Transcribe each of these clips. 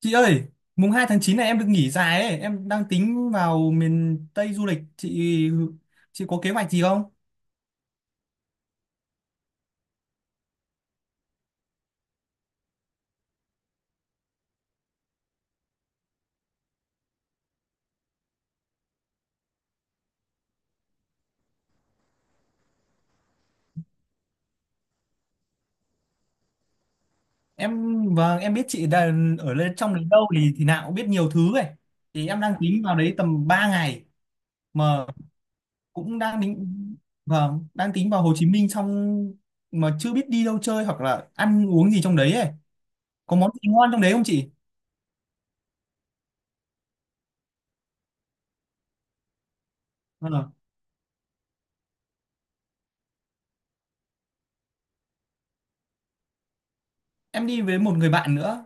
Chị ơi, mùng 2 tháng 9 này em được nghỉ dài ấy, em đang tính vào miền Tây du lịch. Chị có kế hoạch gì không? Em vâng, em biết chị đã ở lên trong đấy đâu thì nào cũng biết nhiều thứ ấy. Thì em đang tính vào đấy tầm 3 ngày mà cũng đang tính vâng, đang tính vào Hồ Chí Minh xong mà chưa biết đi đâu chơi hoặc là ăn uống gì trong đấy ấy. Có món gì ngon trong đấy không chị? Vâng. Em đi với một người bạn nữa,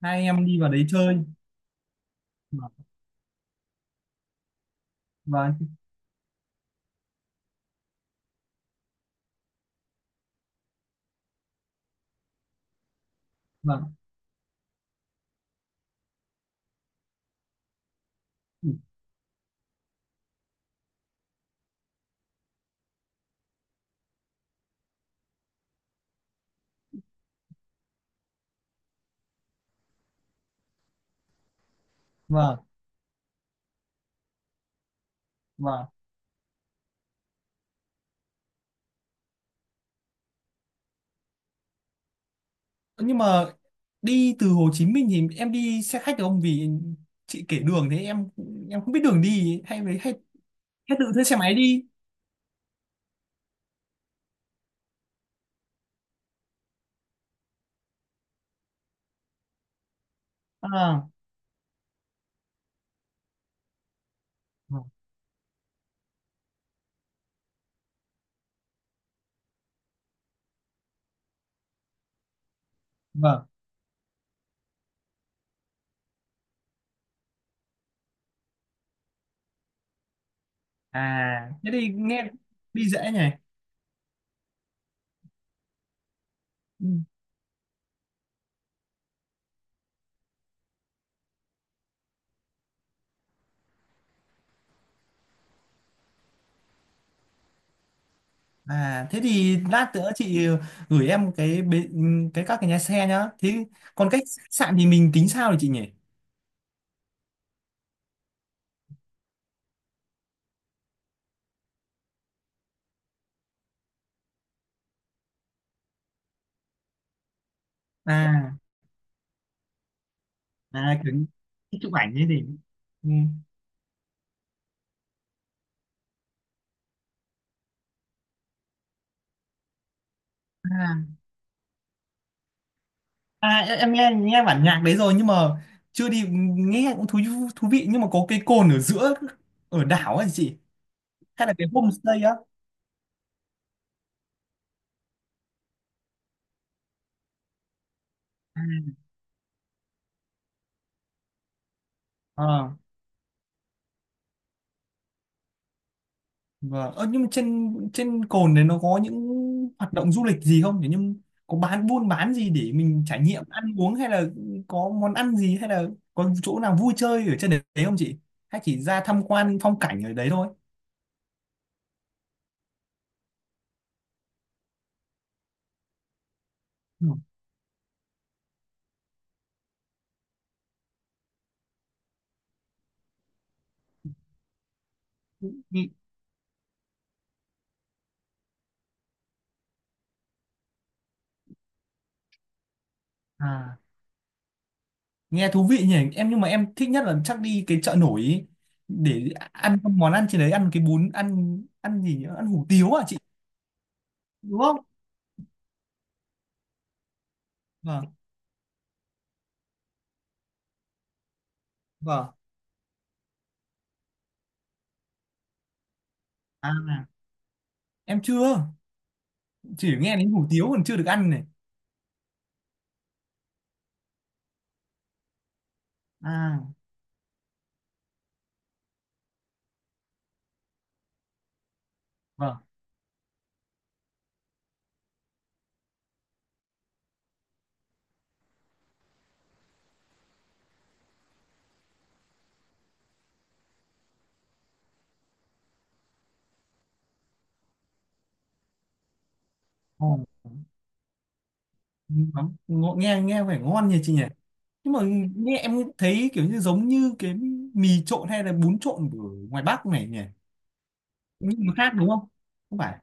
hai anh em đi vào đấy chơi. Vâng, vâng, vâng. Vâng. Vâng. Nhưng mà đi từ Hồ Chí Minh thì em đi xe khách được không vì chị kể đường thế em không biết đường đi hay với hay tự thuê xe máy đi. À vâng, à thế thì nghe đi dễ nhỉ. Ừ. À thế thì lát nữa chị gửi em các cái nhà xe nhá, thế còn cách khách sạn thì mình tính sao thì chị nhỉ? À à kiểu chụp ảnh ấy thì. Ừ. À, em nghe nghe bản nhạc đấy rồi nhưng mà chưa đi, nghe cũng thú thú vị, nhưng mà có cái cồn ở giữa ở đảo ấy chị, hay là cái homestay á? À, à, vâng. Ơ, nhưng mà trên trên cồn đấy nó có những hoạt động du lịch gì không? Kiểu nhưng có bán buôn bán gì để mình trải nghiệm ăn uống hay là có món ăn gì, hay là có chỗ nào vui chơi ở trên đấy không chị, hay chỉ ra tham quan phong cảnh ở đấy thôi? Ừ. Ừ. À nghe thú vị nhỉ, em nhưng mà em thích nhất là chắc đi cái chợ nổi ý, để ăn con món ăn trên đấy, ăn cái bún, ăn ăn gì nhỉ? Ăn hủ tiếu à chị? Đúng không? Vâng. Vâng. À em chưa, chỉ nghe đến hủ tiếu còn chưa được ăn này. À vâng. Ồ, nghe nghe vẻ ngon nhỉ chị nhỉ? Nhưng mà nghe em thấy kiểu như giống như cái mì trộn hay là bún trộn ở ngoài Bắc này nhỉ, nhưng mà khác đúng không? Không phải.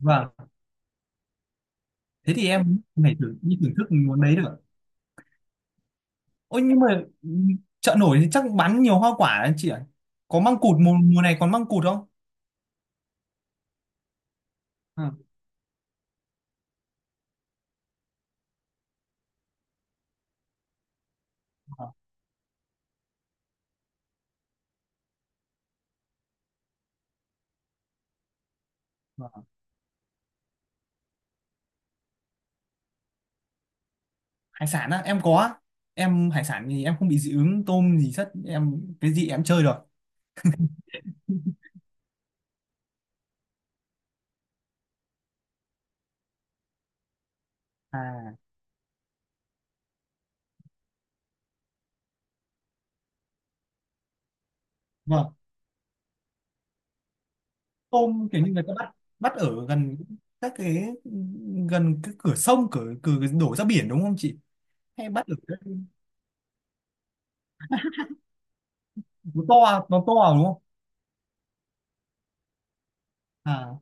Vâng, thế thì em phải thử đi thưởng thức món đấy được. Ôi nhưng mà chợ nổi thì chắc bán nhiều hoa quả anh chị ạ. Có măng cụt mùa mùa này còn măng cụt không? Ừ. Ờ, ờ. Hải sản á, em có á. Em hải sản thì em không bị dị ứng tôm gì hết, em cái gì em chơi rồi. À vâng, tôm kiểu như người ta bắt bắt ở gần các cái, gần cái cửa sông, cửa cửa đổ ra biển đúng không chị? Hay bắt ở nó to à, đúng không? À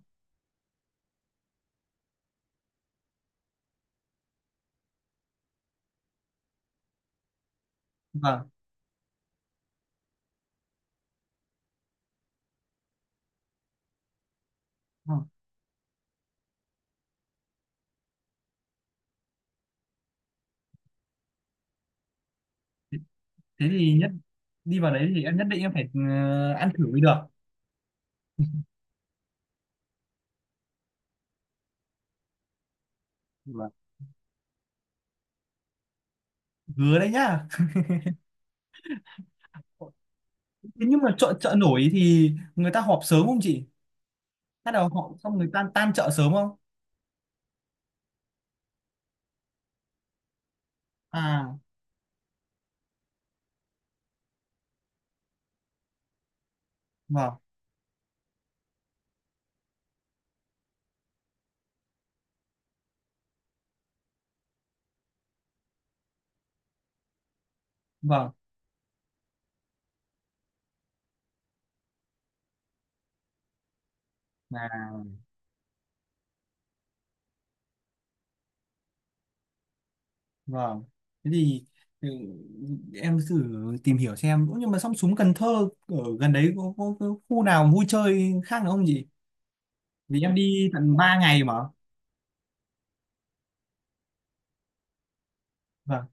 vâng. Ờ, thế thì nhất đi vào đấy thì em nhất định em phải ăn thử mới được. Vâng. Hứa đấy nhá. Thế nhưng mà chợ chợ nổi thì người ta họp sớm không chị? Bắt đầu họ xong người ta tan chợ sớm không? À, vâng, vâng, à, vâng. Thế thì ừ, em thử tìm hiểu xem. Ủa, nhưng mà sông Suối Cần Thơ ở gần đấy có khu nào vui chơi khác nữa không chị? Vì em đi tận 3 ngày mà. Vâng.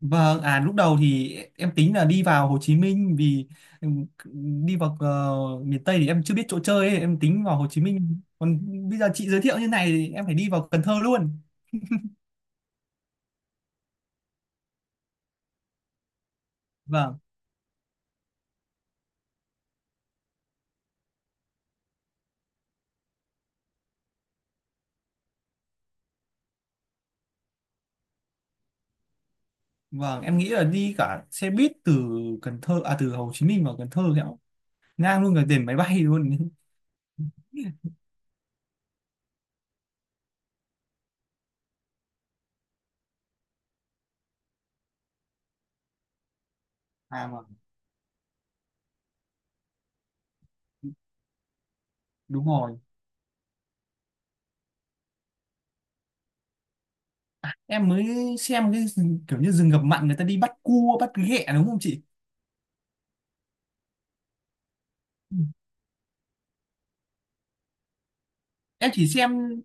Vâng, à lúc đầu thì em tính là đi vào Hồ Chí Minh vì ừm, đi vào miền Tây thì em chưa biết chỗ chơi ấy, em tính vào Hồ Chí Minh. Còn bây giờ chị giới thiệu như này thì em phải đi vào Cần Thơ luôn. Vâng, vâng, em nghĩ là đi cả xe buýt từ Cần Thơ từ Hồ Chí Minh vào Cần Thơ kẹo. Ngang luôn cả tiền máy bay luôn. À vâng, đúng rồi. Em mới xem cái kiểu như rừng ngập mặn người ta đi bắt cua, bắt ghẹ đúng không chị? Ừ. Em chỉ xem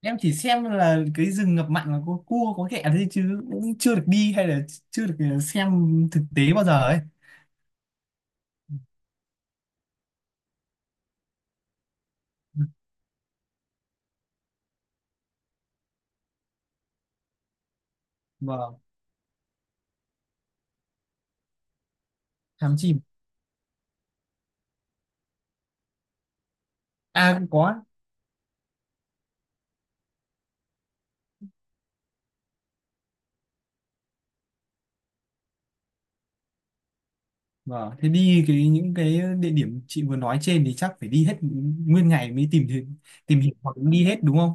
em chỉ xem là cái rừng ngập mặn là có cua có ghẹ thôi chứ cũng chưa được đi, hay là chưa được xem thực tế bao giờ ấy. Vâng, thám chìm à, cũng có. Vâng, thế đi cái những cái địa điểm chị vừa nói trên thì chắc phải đi hết nguyên ngày mới tìm hiểu hoặc đi hết đúng không?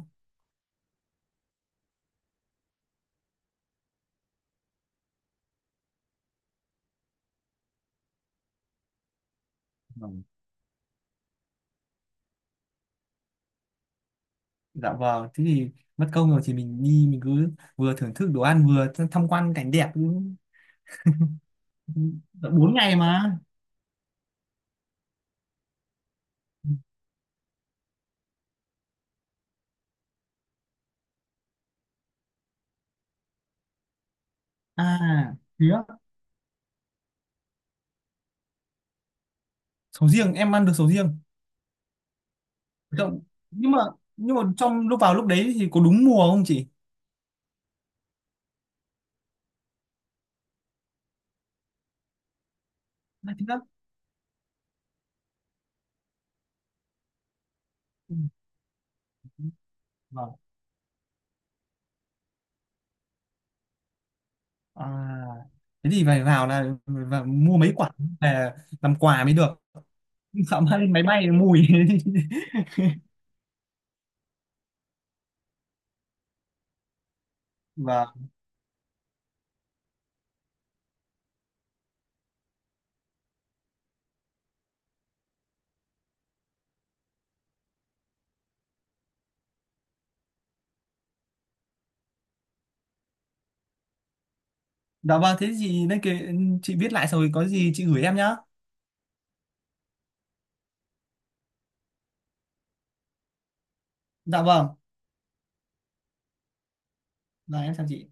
Vâng. Dạ vâng thế thì, mất công rồi thì mình đi, mình cứ vừa thưởng thức đồ ăn vừa tham quan cảnh đẹp cũng tận 4 ngày mà. À thế á. Sầu riêng em ăn được sầu riêng. Động. Nhưng mà nhưng mà trong lúc vào lúc đấy thì có đúng mùa không chị? Là thế đó. Ừ. Vâng. À, thế thì phải vào là và mua mấy quả về làm quà mới được. Sợ mang lên máy bay mùi. Vâng. Dạ vâng, thế thì nên kể, chị viết lại rồi có gì chị gửi em nhá. Dạ vâng. Dạ em chào chị.